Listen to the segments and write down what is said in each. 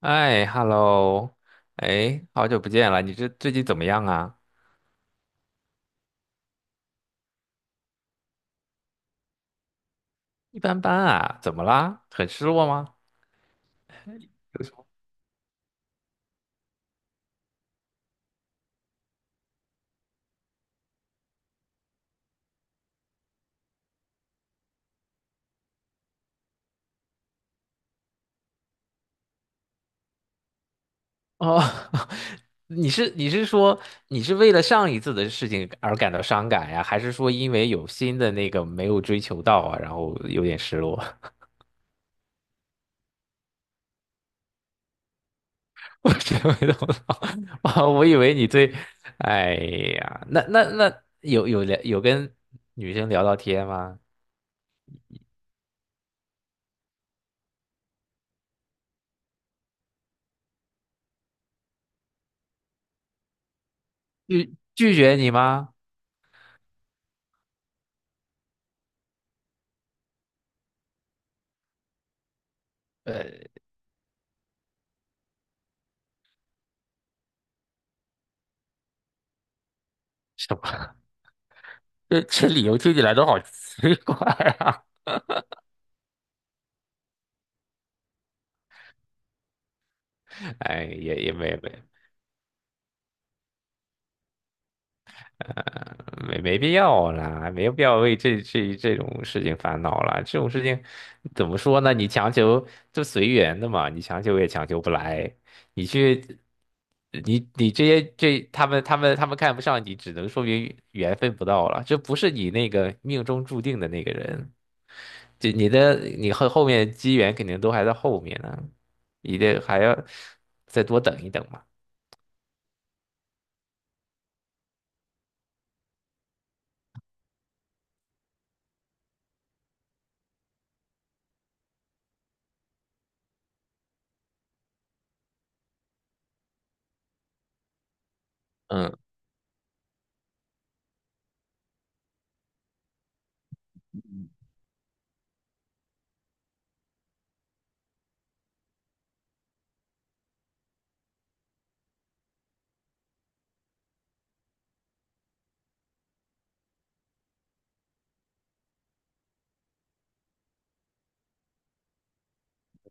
哎，hello，哎，好久不见了，你这最近怎么样啊？一般般啊，怎么啦？很失落吗？哦，你是说为了上一次的事情而感到伤感呀，还是说因为有新的那个没有追求到啊，然后有点失落？我真没懂啊，我以为你对，哎呀，那有跟女生聊到天吗？拒绝你吗？呃，什么？这理由听起来都好奇怪啊！哎，也也没没，呃，没必要啦，没有必要为这种事情烦恼啦。这种事情怎么说呢？你强求就随缘的嘛，你强求也强求不来。你去，你你这些这他们他们他们看不上你，只能说明缘分不到了，这不是你那个命中注定的那个人。就你后面机缘肯定都还在后面呢，你得还要再多等一等嘛。嗯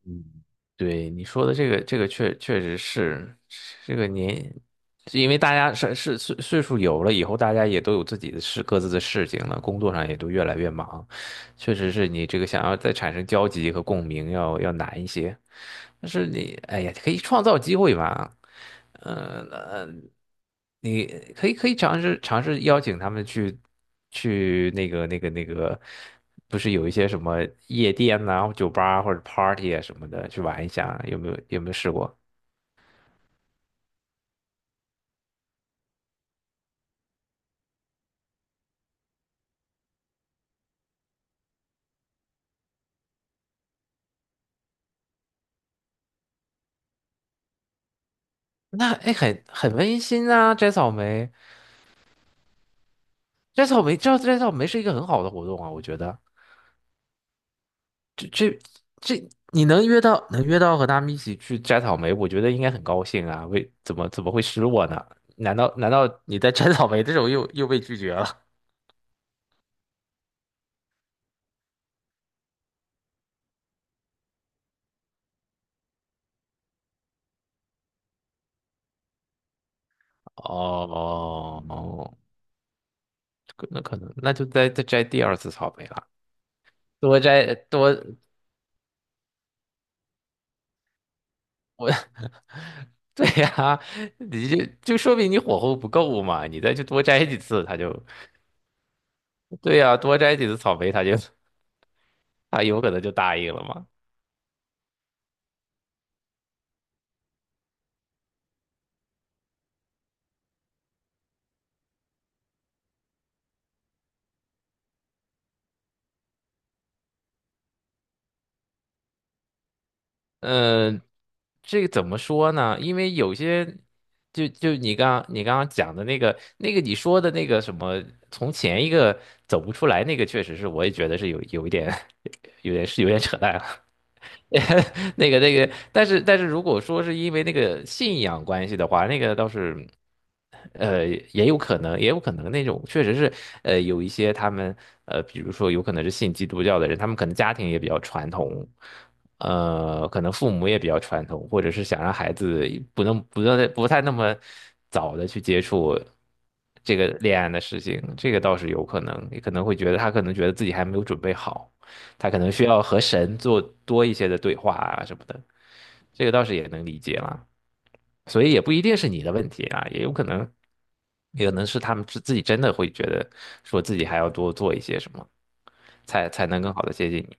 嗯，对你说的这个确实是这个年，是因为大家是岁数有了以后，大家也都有自己的事各自的事情了，工作上也都越来越忙。确实是你这个想要再产生交集和共鸣要难一些，但是你哎呀，可以创造机会嘛，嗯、呃，你可以尝试邀请他们去去那个，不是有一些什么夜店呐、酒吧啊或者 party 啊什么的去玩一下，有没有试过？那哎很温馨啊，摘草莓，摘草莓，这摘草莓是一个很好的活动啊，我觉得。这你能约到能约到和他们一起去摘草莓，我觉得应该很高兴啊。为怎么会失落呢？难道你在摘草莓的时候又被拒绝了？哦哦，可能那就再摘第二次草莓了，多摘多我 对呀、你就说明你火候不够嘛，你再去多摘几次，他就对呀、多摘几次草莓，他就他有可能就答应了嘛。嗯，这个怎么说呢？因为有些，就就你刚刚讲的那个你说的那个什么，从前一个走不出来那个，确实是我也觉得是有一点，有点扯淡了。但是如果说是因为那个信仰关系的话，那个倒是。呃，也有可能，也有可能那种确实是，有一些他们，比如说有可能是信基督教的人，他们可能家庭也比较传统，可能父母也比较传统，或者是想让孩子不太那么早的去接触这个恋爱的事情，这个倒是有可能，也可能会觉得他可能觉得自己还没有准备好，他可能需要和神做多一些的对话啊什么的，这个倒是也能理解了。所以也不一定是你的问题啊，也有可能，也可能是他们自己真的会觉得说自己还要多做一些什么，才能更好的接近你。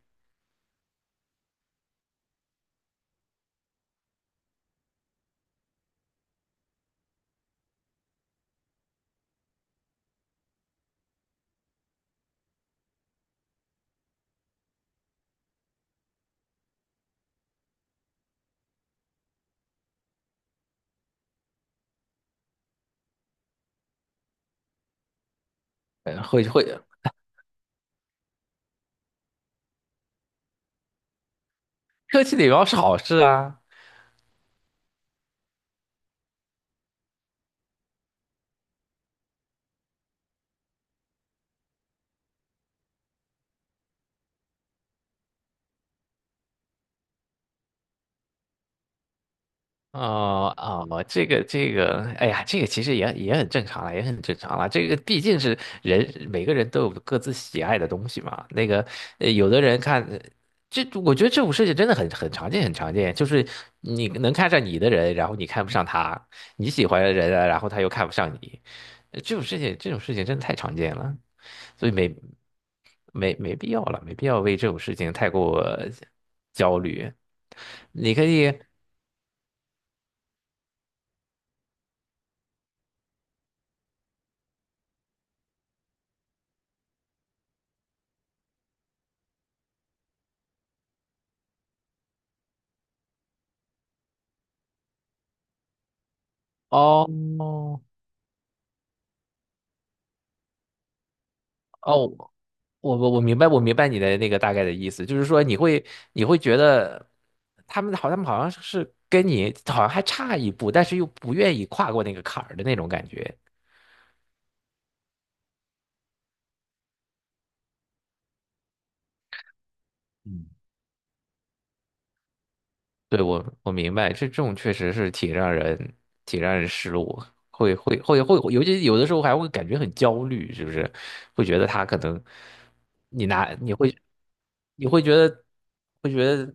呃会会，呃客气礼貌是好事啊，哦哦，哎呀，这个其实也很正常了，也很正常了。这个毕竟是人，每个人都有各自喜爱的东西嘛。那个，呃有的人看，这我觉得这种事情真的很常见，很常见。就是你能看上你的人，然后你看不上他；你喜欢的人啊，然后他又看不上你。这种事情，这种事情真的太常见了，所以没必要了，没必要为这种事情太过焦虑。你可以哦。哦，我明白，我明白你的那个大概的意思，就是说你会觉得他们好，他们好像是跟你好像还差一步，但是又不愿意跨过那个坎儿的那种感觉。嗯。对，我明白，这种确实是挺让人失落，会会会会，尤其有的时候还会感觉很焦虑，是不是？会觉得他可能你拿你会你会觉得会觉得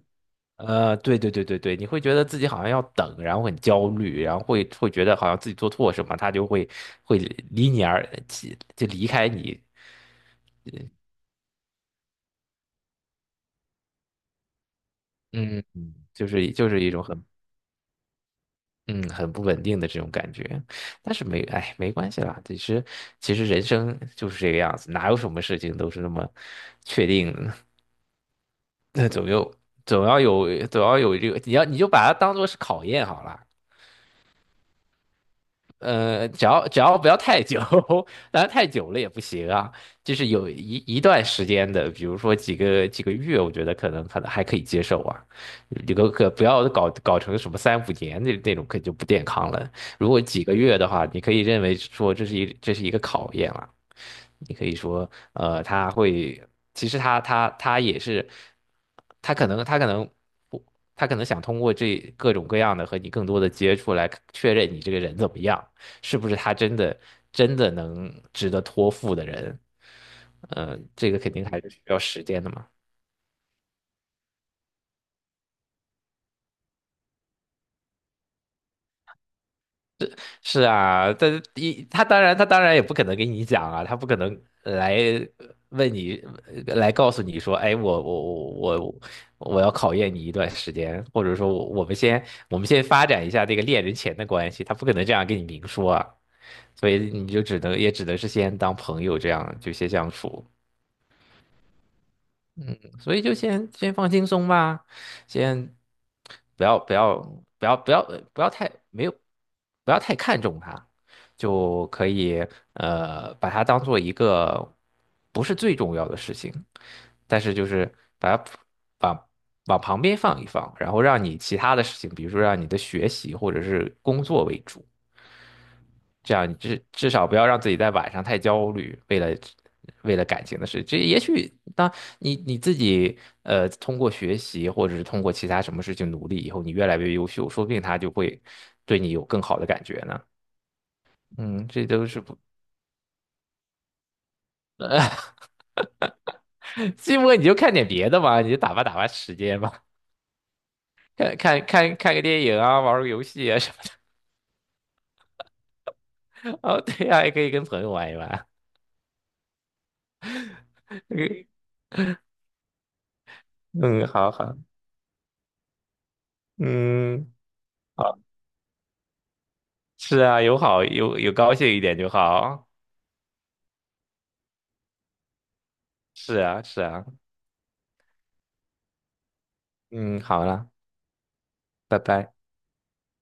呃，对对对对对，你会觉得自己好像要等，然后很焦虑，然后会觉得好像自己做错什么，他就会离你而就离开你，嗯，就是一种很不稳定的这种感觉，但是没，哎，没关系啦。其实，其实人生就是这个样子，哪有什么事情都是那么确定的？那总有，总要有，总要有这个，你就把它当做是考验好了。只要不要太久，当然太久了也不行啊。就是有一段时间的，比如说几个月，我觉得可能还可以接受啊。这个可不要搞成什么三五年那种，可就不健康了。如果几个月的话，你可以认为说这是一个考验了。你可以说，他会，其实他也是，他可能他可能不，他可能想通过这各种各样的和你更多的接触来确认你这个人怎么样。是不是他真的能值得托付的人。这个肯定还是需要时间的嘛。是啊，他当然也不可能跟你讲啊，他不可能来问你，来告诉你说，哎，我要考验你一段时间，或者说我们先发展一下这个恋人前的关系，他不可能这样跟你明说啊。所以你就只能也只能是先当朋友这样就先相处。所以就先先放轻松吧，先不要不要不要不要呃不要太没有不要太看重它，就可以把它当做一个不是最重要的事情，但是就是把它往往旁边放一放，然后让你其他的事情，比如说让你的学习或者是工作为主。这样你至少不要让自己在晚上太焦虑，为了感情的事。这也许当你自己通过学习或者是通过其他什么事情努力以后，你越来越优秀，说不定他就会对你有更好的感觉呢。嗯，这都是不 寂寞，你就看点别的嘛，你就打发打发时间嘛，看个电影啊，玩个游戏啊什么的。哦，对呀、也可以跟朋友玩一玩。嗯，好好，嗯，好，是啊，有好有有高兴一点就好。是啊，是啊，嗯，好啦，拜拜。